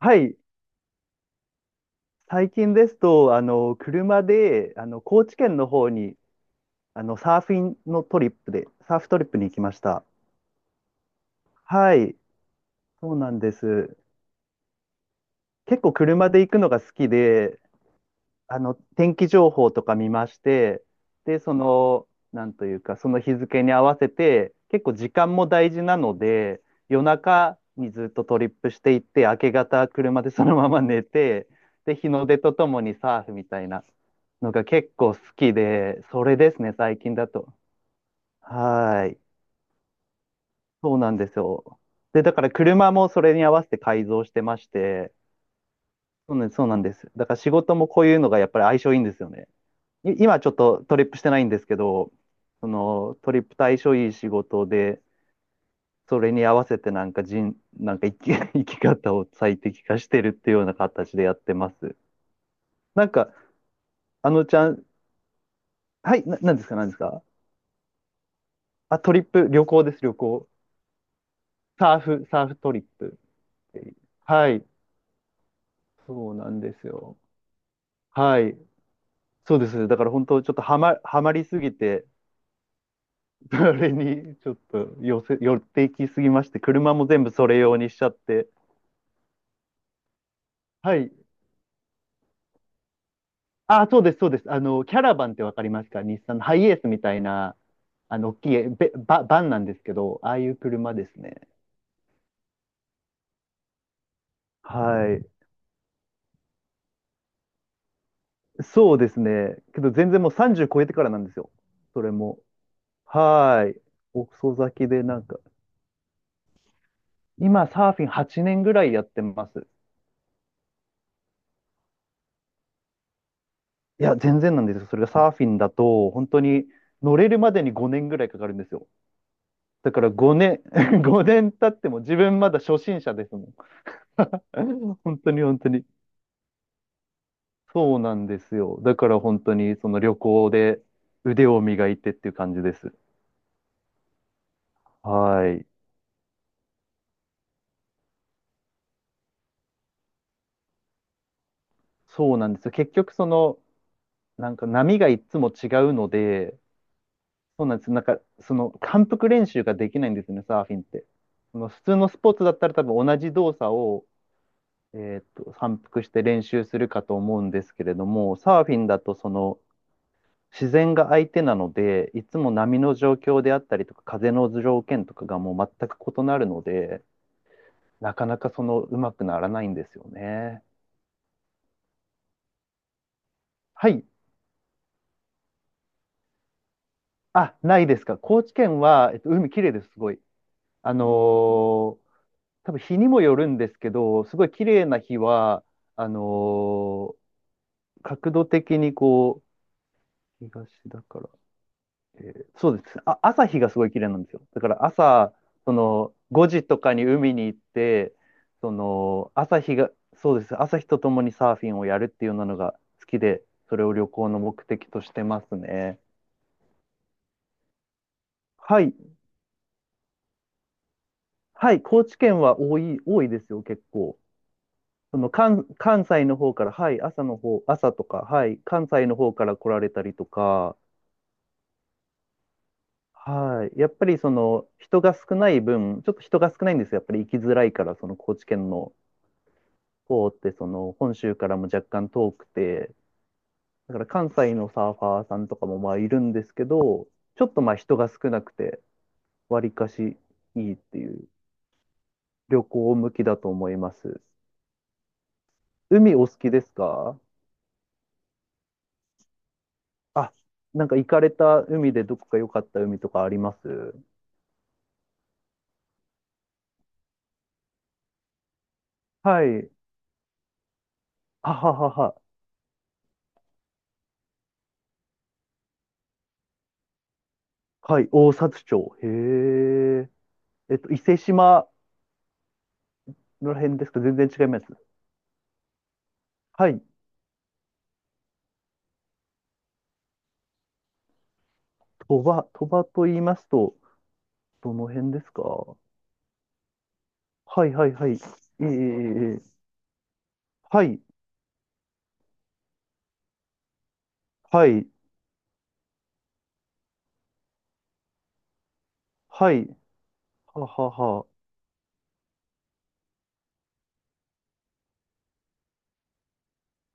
はい、最近ですと、車で、高知県の方に、サーフィンのトリップで、サーフトリップに行きました。はい、そうなんです。結構車で行くのが好きで、天気情報とか見まして、で、なんというか、その日付に合わせて、結構時間も大事なので、夜中にずっとトリップしていって、明け方車でそのまま寝て、で、日の出とともにサーフみたいなのが結構好きで、それですね、最近だと。はーい。そうなんですよ。で、だから車もそれに合わせて改造してまして、そうなんです。だから仕事もこういうのがやっぱり相性いいんですよね。今ちょっとトリップしてないんですけど、そのトリップ対象いい仕事で、それに合わせてなんか人、なんか生き、生き方を最適化してるっていうような形でやってます。なんか、あのちゃん、はい、なんですか、なんですか。あ、トリップ、旅行です、旅行。サーフトリップっていう。はい、そうなんですよ。はい、そうです。だから本当、ちょっとはまりすぎて、それにちょっと寄っていきすぎまして、車も全部それ用にしちゃって。はい、あ、そうです、そうです。キャラバンってわかりますか？日産のハイエースみたいな、大きいバンなんですけど、ああいう車ですね。はい。そうですね。けど全然もう30超えてからなんですよ。それも。はい。遅咲きでなんか、今サーフィン8年ぐらいやってます。いや、全然なんですよ。それがサーフィンだと、本当に乗れるまでに5年ぐらいかかるんですよ。だから5年、5年経っても自分まだ初心者ですもん。本当に本当に。そうなんですよ。だから本当にその旅行で腕を磨いてっていう感じです。はい。そうなんですよ。結局なんか波がいつも違うので、そうなんです。なんかその反復練習ができないんですよね、サーフィンって。その普通のスポーツだったら多分同じ動作を、反復して練習するかと思うんですけれども、サーフィンだとその自然が相手なので、いつも波の状況であったりとか、風の条件とかがもう全く異なるので、なかなかそのうまくならないんですよね。はい。あ、ないですか？高知県は、海綺麗です、すごい。あのー多分日にもよるんですけど、すごい綺麗な日は、あのー角度的にこう、東だから、そうです。あ、朝日がすごい綺麗なんですよ。だから朝、その5時とかに海に行って、その朝日が、そうです。朝日とともにサーフィンをやるっていうようなのが好きで、それを旅行の目的としてますね。はい。はい。高知県は多い、多いですよ、結構。その関西の方から、はい。朝の方、朝とか、はい。関西の方から来られたりとか、はい。やっぱりその人が少ない分、ちょっと人が少ないんですよ。やっぱり行きづらいから、その高知県の方ってその本州からも若干遠くて、だから関西のサーファーさんとかもまあいるんですけど、ちょっとまあ人が少なくて、わりかしいいっていう旅行向きだと思います。海お好きですか？あ、なんか行かれた海でどこか良かった海とかあります？はい。はははは。はい。大札町。へえ。伊勢島の辺ですか？全然違います。はい。鳥羽、鳥羽と言いますと、どの辺ですか？はいはいはい。ええええええ。はい。はい。はい。ははは。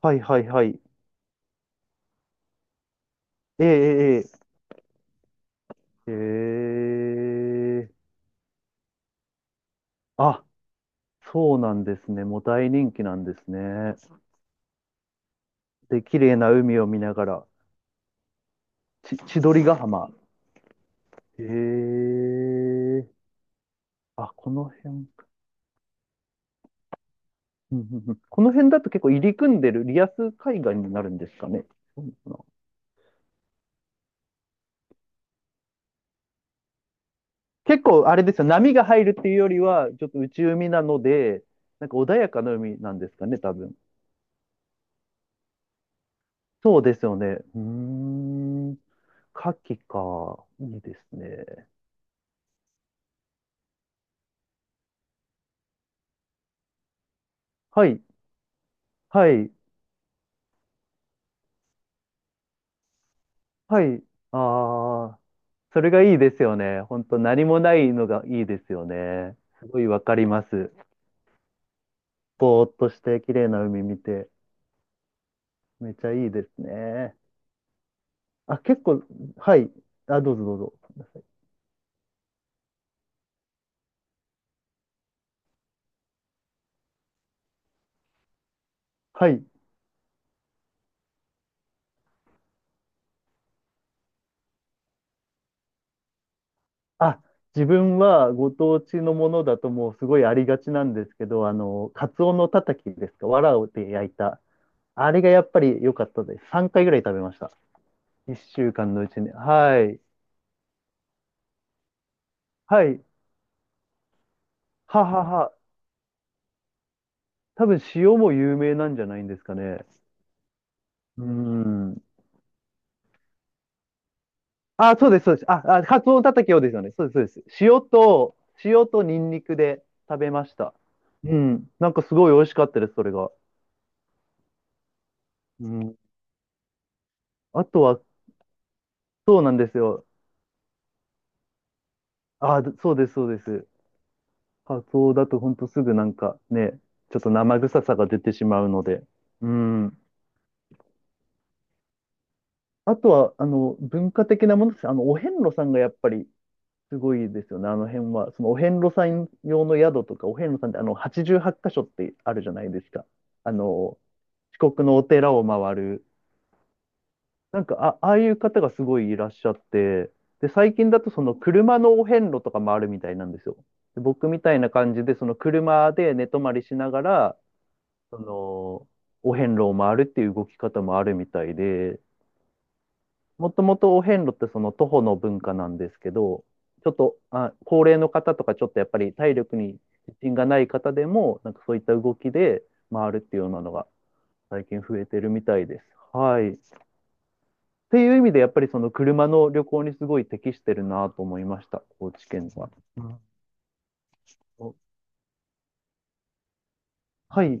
はいはいはい。ええええええええ。あ、そうなんですね。もう大人気なんですね。で、綺麗な海を見ながら。千鳥ヶ浜。へえ。あ、この辺。うんうんうん。この辺だと結構入り組んでるリアス海岸になるんですかね？そうなのかな。結構あれですよ、波が入るっていうよりは、ちょっと内海なので、なんか穏やかな海なんですかね、多分。そうですよね。うーん。牡蠣か。いいですね。はい。はい。はい。ああ。それがいいですよね。本当何もないのがいいですよね。すごいわかります。ぼーっとして綺麗な海見て、めちゃいいですね。あ、結構、はい。あ、どうぞどうぞ。はい。あ、自分はご当地のものだともうすごいありがちなんですけど、カツオのたたきですか、藁で焼いた。あれがやっぱり良かったです。3回ぐらい食べました。1週間のうちに。はい。はい。ははは。多分塩も有名なんじゃないんですかね。うん。あ、そうです、そうです。あ、カツオたたきをですよね。そうです、そうです。塩と、塩とニンニクで食べました。うん。なんかすごい美味しかったです、それが。うん。あとは、そうなんですよ。あ、そうです、そうです。カツオだとほんとすぐなんかね、ちょっと生臭さが出てしまうので。うん。あとは、文化的なものです。お遍路さんがやっぱりすごいですよね、あの辺は。そのお遍路さん用の宿とか、お遍路さんってあの88箇所ってあるじゃないですか。あの、四国のお寺を回る。なんか、あ、ああいう方がすごいいらっしゃって、で、最近だとその車のお遍路とか回るみたいなんですよ。で、僕みたいな感じで、その車で寝泊まりしながら、その、お遍路を回るっていう動き方もあるみたいで、もともとお遍路ってその徒歩の文化なんですけど、ちょっと、あ、高齢の方とかちょっとやっぱり体力に自信がない方でも、なんかそういった動きで回るっていうようなのが最近増えてるみたいです。はい。っていう意味でやっぱりその車の旅行にすごい適してるなと思いました、高知県は。うん。はい。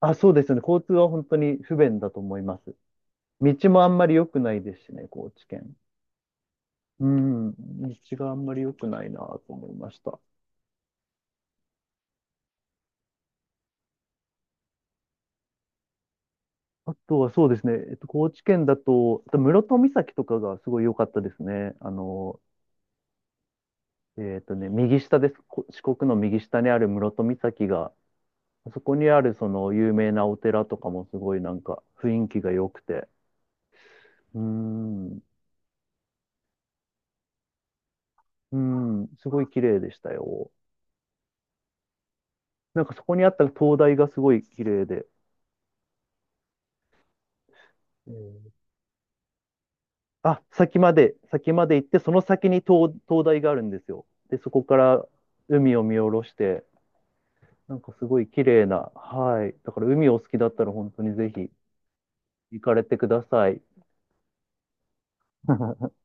あ、そうですよね。交通は本当に不便だと思います。道もあんまり良くないですしね、高知県。うん。道があんまり良くないなと思いました。あとはそうですね、高知県だと、あと室戸岬とかがすごい良かったですね。右下です。四国の右下にある室戸岬が、あそこにあるその有名なお寺とかもすごいなんか雰囲気が良くて、うーん、うーん、すごい綺麗でしたよ。なんかそこにあった灯台がすごい綺麗で、えーあ、先まで、先まで行って、その先に灯台があるんですよ。で、そこから海を見下ろして、なんかすごい綺麗な、はい。だから海お好きだったら本当にぜひ行かれてください。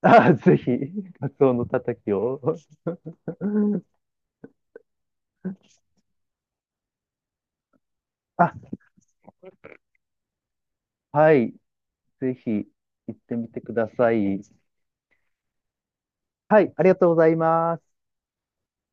あ、ぜひ、カツオのたたきを。あ、はい。ぜひ行ってみてください。はい、ありがとうございます。